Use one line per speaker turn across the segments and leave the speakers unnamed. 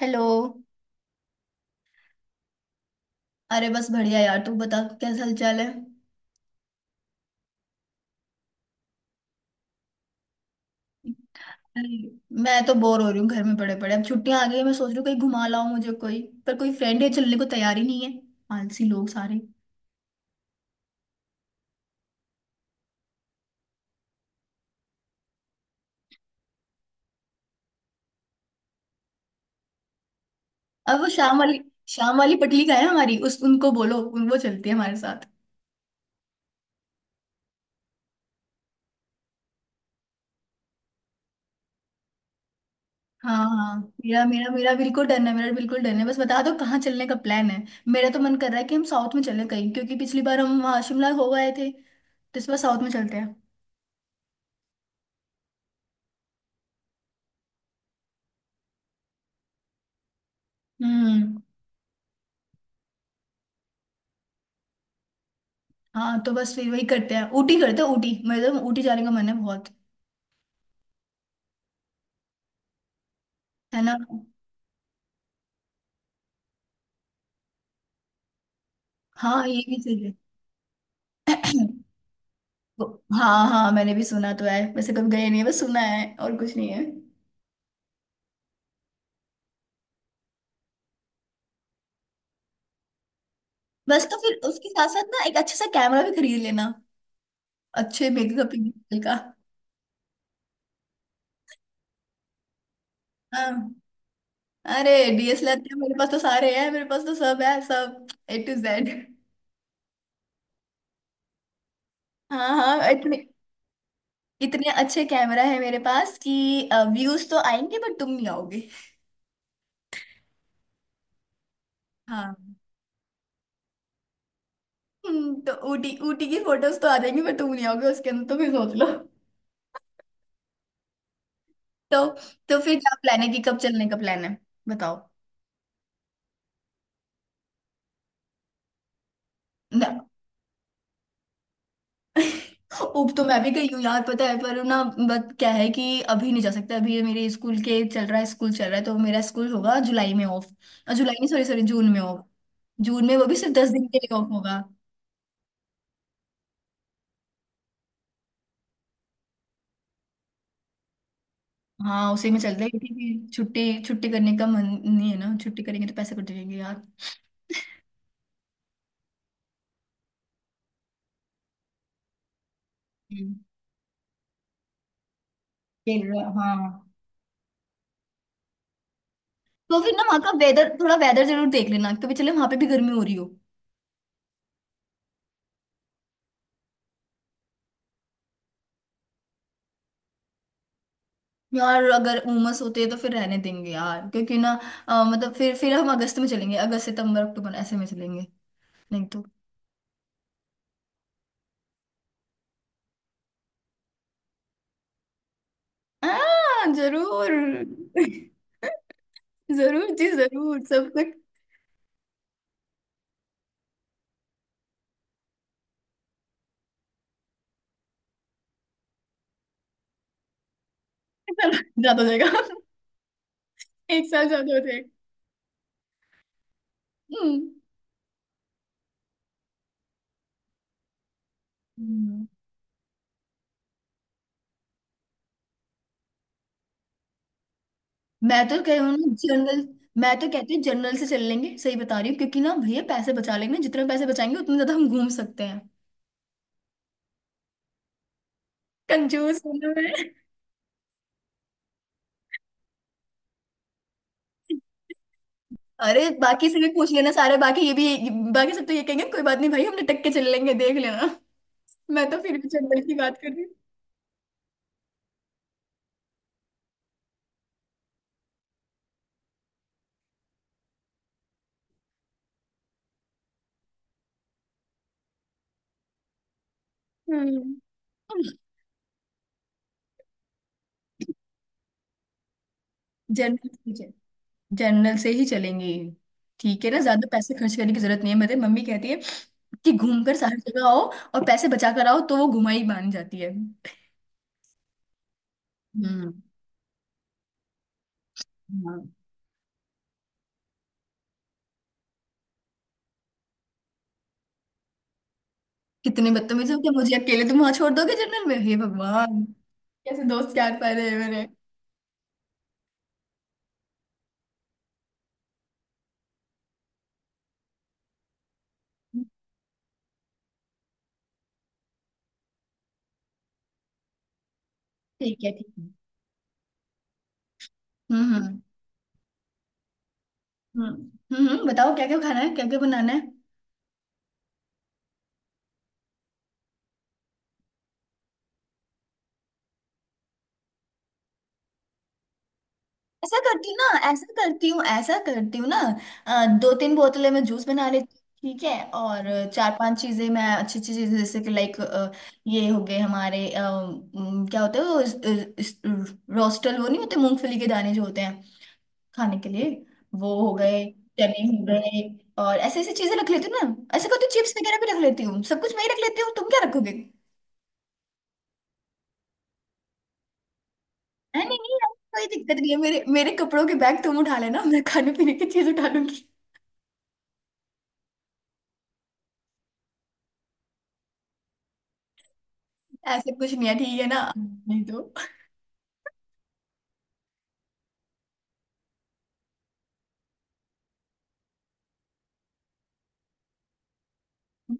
Hello. अरे बस बढ़िया यार, तू बता कैसा हालचाल है? अरे, मैं तो बोर हो रही हूँ घर में पड़े पड़े। अब छुट्टियां आ गई हैं, मैं सोच रही हूँ कहीं घुमा लाऊं मुझे कोई। पर कोई फ्रेंड है चलने को तैयार ही नहीं है। आलसी लोग सारे। अब वो शाम वाली पटली का है हमारी, उस उनको बोलो, उन वो चलती है हमारे साथ। हाँ हाँ, मेरा मेरा मेरा बिल्कुल डन है। मेरा बिल्कुल डन है, बस बता दो कहाँ चलने का प्लान है। मेरा तो मन कर रहा है कि हम साउथ में चले कहीं, क्योंकि पिछली बार हम वहाँ शिमला हो गए थे तो इस बार साउथ में चलते हैं। हम्म। हाँ, तो बस फिर वही करते हैं, ऊटी करते हैं। ऊटी मेरे तो, ऊटी जाने का मन है बहुत। है ना? हाँ, ये भी सही है। हाँ हाँ, मैंने भी सुना तो है, वैसे कभी गए नहीं है, बस सुना है और कुछ नहीं है। बस तो फिर उसके साथ साथ ना एक अच्छा सा कैमरा भी खरीद लेना, अच्छे मेकअप का। हाँ, अरे DSLR मेरे पास तो सारे हैं, मेरे पास तो सब है, सब A to Z। हाँ हाँ। इतने इतने अच्छे कैमरा है मेरे पास कि व्यूज तो आएंगे, बट तुम नहीं आओगे। हाँ, तो ऊटी ऊटी की फोटोज तो आ जाएंगी, पर तुम नहीं आओगे उसके अंदर। तो फिर सोच लो। तो तो फिर क्या प्लान है कि कब चलने का प्लान है? बताओ। ना, उप तो मैं भी गई हूँ यार, पता है? पर ना, बट क्या है कि अभी नहीं जा सकता। अभी ये मेरे स्कूल के चल रहा है, स्कूल चल रहा है, तो मेरा स्कूल होगा जुलाई में ऑफ। जुलाई नहीं, सॉरी सॉरी, जून में ऑफ। जून में, वो भी सिर्फ 10 दिन के लिए ऑफ होगा। हाँ, उसी में चलते हैं क्योंकि छुट्टी छुट्टी करने का मन नहीं है ना। छुट्टी करेंगे तो पैसे कट जाएंगे यार। हम्म, फिर हाँ। तो फिर ना, वहां का वेदर थोड़ा, वेदर जरूर देख लेना, कभी चले वहां पे भी गर्मी हो रही हो। यार अगर उमस होती है तो फिर रहने देंगे यार, क्योंकि ना मतलब फिर हम अगस्त में चलेंगे, अगस्त सितंबर अक्टूबर ऐसे में चलेंगे, नहीं तो। जरूर। जरूर जी, जरूर सब कुछ। ज्यादा हो जाएगा। एक साल ज्यादा हो जाएगा। हम्म। हम्म। मैं तो कह रही हूँ ना, जनरल। मैं तो कहती हूँ जनरल से चल लेंगे, सही बता रही हूँ क्योंकि ना भैया पैसे बचा लेंगे। जितने पैसे बचाएंगे उतने ज्यादा हम घूम सकते हैं। कंजूस हूँ ना मैं। अरे बाकी से भी पूछ लेना, सारे बाकी, ये भी बाकी सब, तो ये कहेंगे कोई बात नहीं भाई, हम लटक के चल लेंगे, देख लेना। मैं तो फिर भी जनरल की बात कर रही हूँ, जनरल। जनरल से ही चलेंगे। ठीक है ना, ज्यादा पैसे खर्च करने की जरूरत नहीं है। मेरे मम्मी कहती है कि घूम कर सारी जगह आओ और पैसे बचा कर आओ, तो वो घुमाई मान जाती है। हम्म। हाँ। कितने बदतमीज हो? क्या मुझे अकेले तुम वहां छोड़ दोगे जनरल में? हे भगवान, कैसे दोस्त क्या पा रहे हैं मेरे। ठीक है ठीक है। हम्म। हम्म। बताओ क्या क्या खाना है, क्या क्या बनाना है। ऐसा करती हूँ ना, ऐसा करती हूँ, ऐसा करती हूँ ना, दो तीन बोतलें में जूस बना लेती हूँ, ठीक है? और चार पांच चीजें, मैं अच्छी अच्छी चीजें जैसे कि लाइक, ये हो गए हमारे क्या होते हैं वो, इस- रोस्टल, वो नहीं होते मूंगफली के दाने जो होते हैं खाने के लिए? वो हो गए, चने हो गए। और ऐसी ऐसी चीजें रख लेती हूँ ना। ऐसा करती हूँ, चिप्स वगैरह भी रख लेती हूँ। सब कुछ मैं ही रख लेती हूँ, तुम क्या रखोगे? नहीं नहीं यार, कोई दिक्कत नहीं है। मेरे मेरे कपड़ों के बैग तुम उठा लेना, मैं खाने पीने की चीज उठा लूंगी। ऐसे कुछ नहीं है, ठीक है ना? नहीं तो।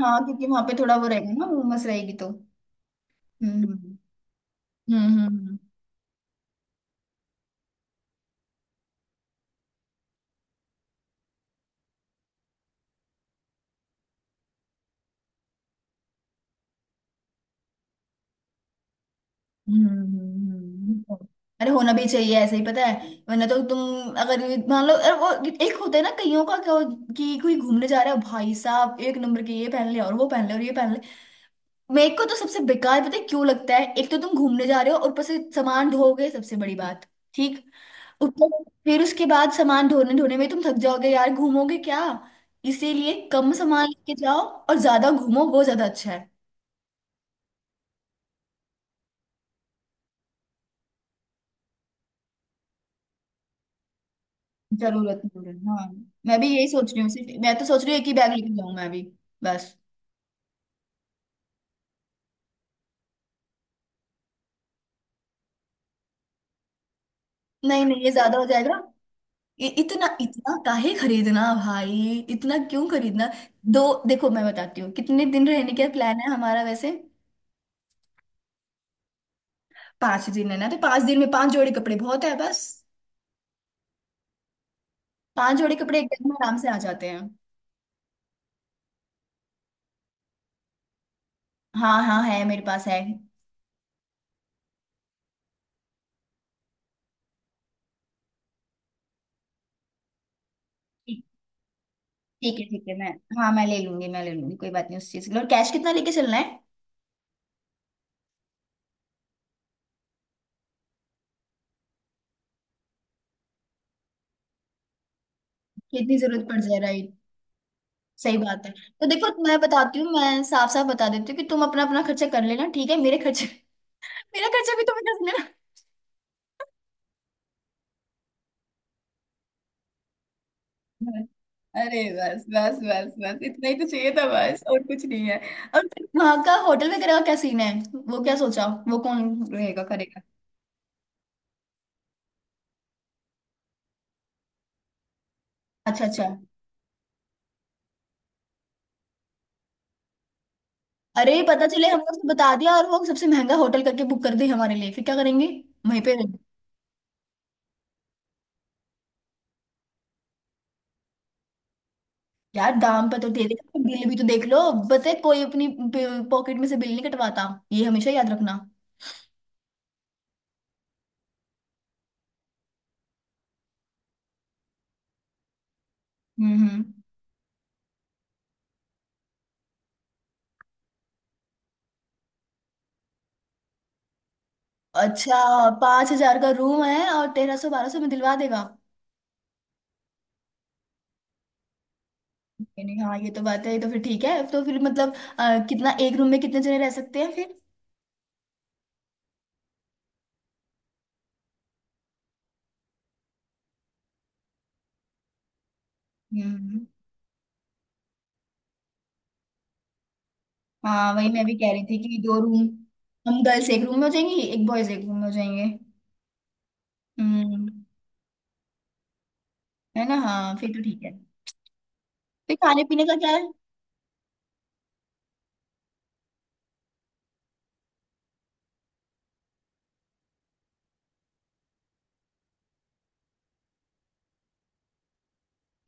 हाँ क्योंकि वहां पे थोड़ा वो रहेगा ना, उमस रहेगी तो। हम्म हम्म। हम्म। अरे होना भी चाहिए, ऐसे ही पता है। वरना तो तुम, अगर मान लो अरे वो एक होता है ना कईयों का कि कोई घूमने जा रहा है, भाई साहब एक नंबर के, ये पहन ले और वो पहन ले और ये पहन ले। मेरे को तो सबसे बेकार पता है, क्यों लगता है? एक तो तुम घूमने जा रहे हो और ऊपर से सामान ढोगे, सबसे बड़ी बात। ठीक, ऊपर फिर उसके बाद सामान ढोने ढोने में तुम थक जाओगे यार, घूमोगे क्या? इसीलिए कम सामान लेके जाओ, और ज्यादा घूमो, वो ज्यादा अच्छा है। जरूरत नहीं है, हाँ। मैं भी यही सोच रही हूँ, सिर्फ। मैं तो सोच रही हूँ एक ही बैग लेके जाऊँ मैं भी, बस। नहीं नहीं, ये ज्यादा हो जाएगा। ये इतना इतना काहे खरीदना भाई, इतना क्यों खरीदना? दो, देखो मैं बताती हूँ, कितने दिन रहने का प्लान है हमारा वैसे? 5 दिन है ना, तो 5 दिन में 5 जोड़ी कपड़े बहुत है, बस। 5 जोड़े कपड़े एक दिन में आराम से आ जाते हैं। हाँ हाँ, है मेरे पास है। ठीक, ठीक है मैं। हाँ मैं ले लूंगी, मैं ले लूंगी, कोई बात नहीं उस चीज के लिए। और कैश कितना लेके चलना है, कितनी जरूरत पड़ जाए? राइट, सही बात है। तो देखो मैं बताती हूँ, मैं साफ साफ बता देती हूँ कि तुम अपना अपना खर्चा कर लेना, ठीक है? मेरे खर्चे मेरा खर्चा भी तुम्हें कर लेना। अरे बस बस बस बस, इतना ही तो चाहिए था, बस और कुछ नहीं है। और फिर वहाँ का होटल वगैरह का क्या सीन है? वो क्या सोचा, वो कौन रहेगा, करेगा? अच्छा अच्छा। अरे पता चले हमने उसको बता दिया और वो सबसे महंगा होटल करके बुक कर दे हमारे लिए, फिर क्या करेंगे? वहीं पे यार, दाम पे तो दे देगा पर बिल भी तो देख लो। पता है, कोई अपनी पॉकेट में से बिल नहीं कटवाता, ये हमेशा याद रखना। हम्म। अच्छा, 5,000 का रूम है और 1,300 1,200 में दिलवा देगा? नहीं नहीं, हाँ ये तो बात है। ये तो फिर ठीक है। तो फिर मतलब कितना, एक रूम में कितने जने रह सकते हैं फिर? हम्म। हाँ, वही मैं भी कह रही थी कि दो रूम। हम गर्ल्स एक रूम में हो जाएंगी, एक बॉयज एक रूम में हो जाएंगे। हम्म, है ना? हाँ फिर तो ठीक है। फिर खाने पीने का क्या है?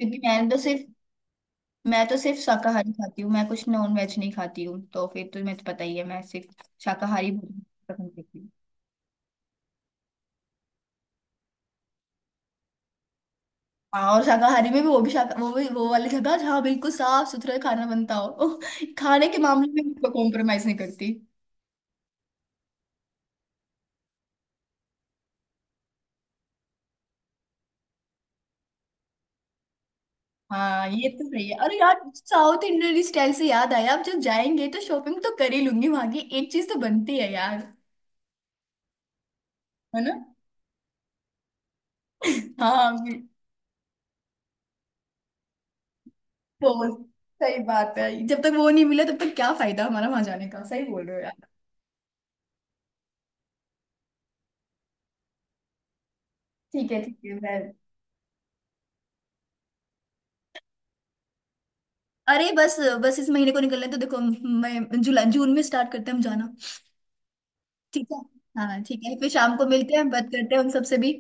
क्योंकि मैं तो सिर्फ शाकाहारी खाती हूँ, मैं कुछ नॉन वेज नहीं खाती हूँ, तो फिर तुम्हें तो पता ही है मैं सिर्फ शाकाहारी भोजन पसंद करती हूँ। हाँ, और शाकाहारी में भी, वो भी शाका वो भी वो वाली जगह जहाँ बिल्कुल साफ सुथरा खाना बनता हो। खाने के मामले में मैं कॉम्प्रोमाइज नहीं करती। हाँ ये तो सही है। अरे यार, साउथ इंडियन स्टाइल से याद आया, अब जब जाएंगे तो शॉपिंग तो कर ही लूंगी, वहां की एक चीज तो बनती है यार। है ना? हाँ। तो सही बात है, जब तक वो नहीं मिला तब तक क्या फायदा हमारा वहां जाने का? सही बोल रहे हो यार। ठीक है मैं, अरे बस बस, इस महीने को निकलने तो देखो, मैं जुलाई जून में स्टार्ट करते हैं हम जाना। ठीक है। हाँ ठीक है, फिर शाम को मिलते हैं, बात करते हैं उन सबसे भी।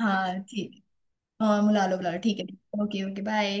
हाँ ठीक है, हाँ बुला लो बुला लो, ठीक है ओके ओके बाय।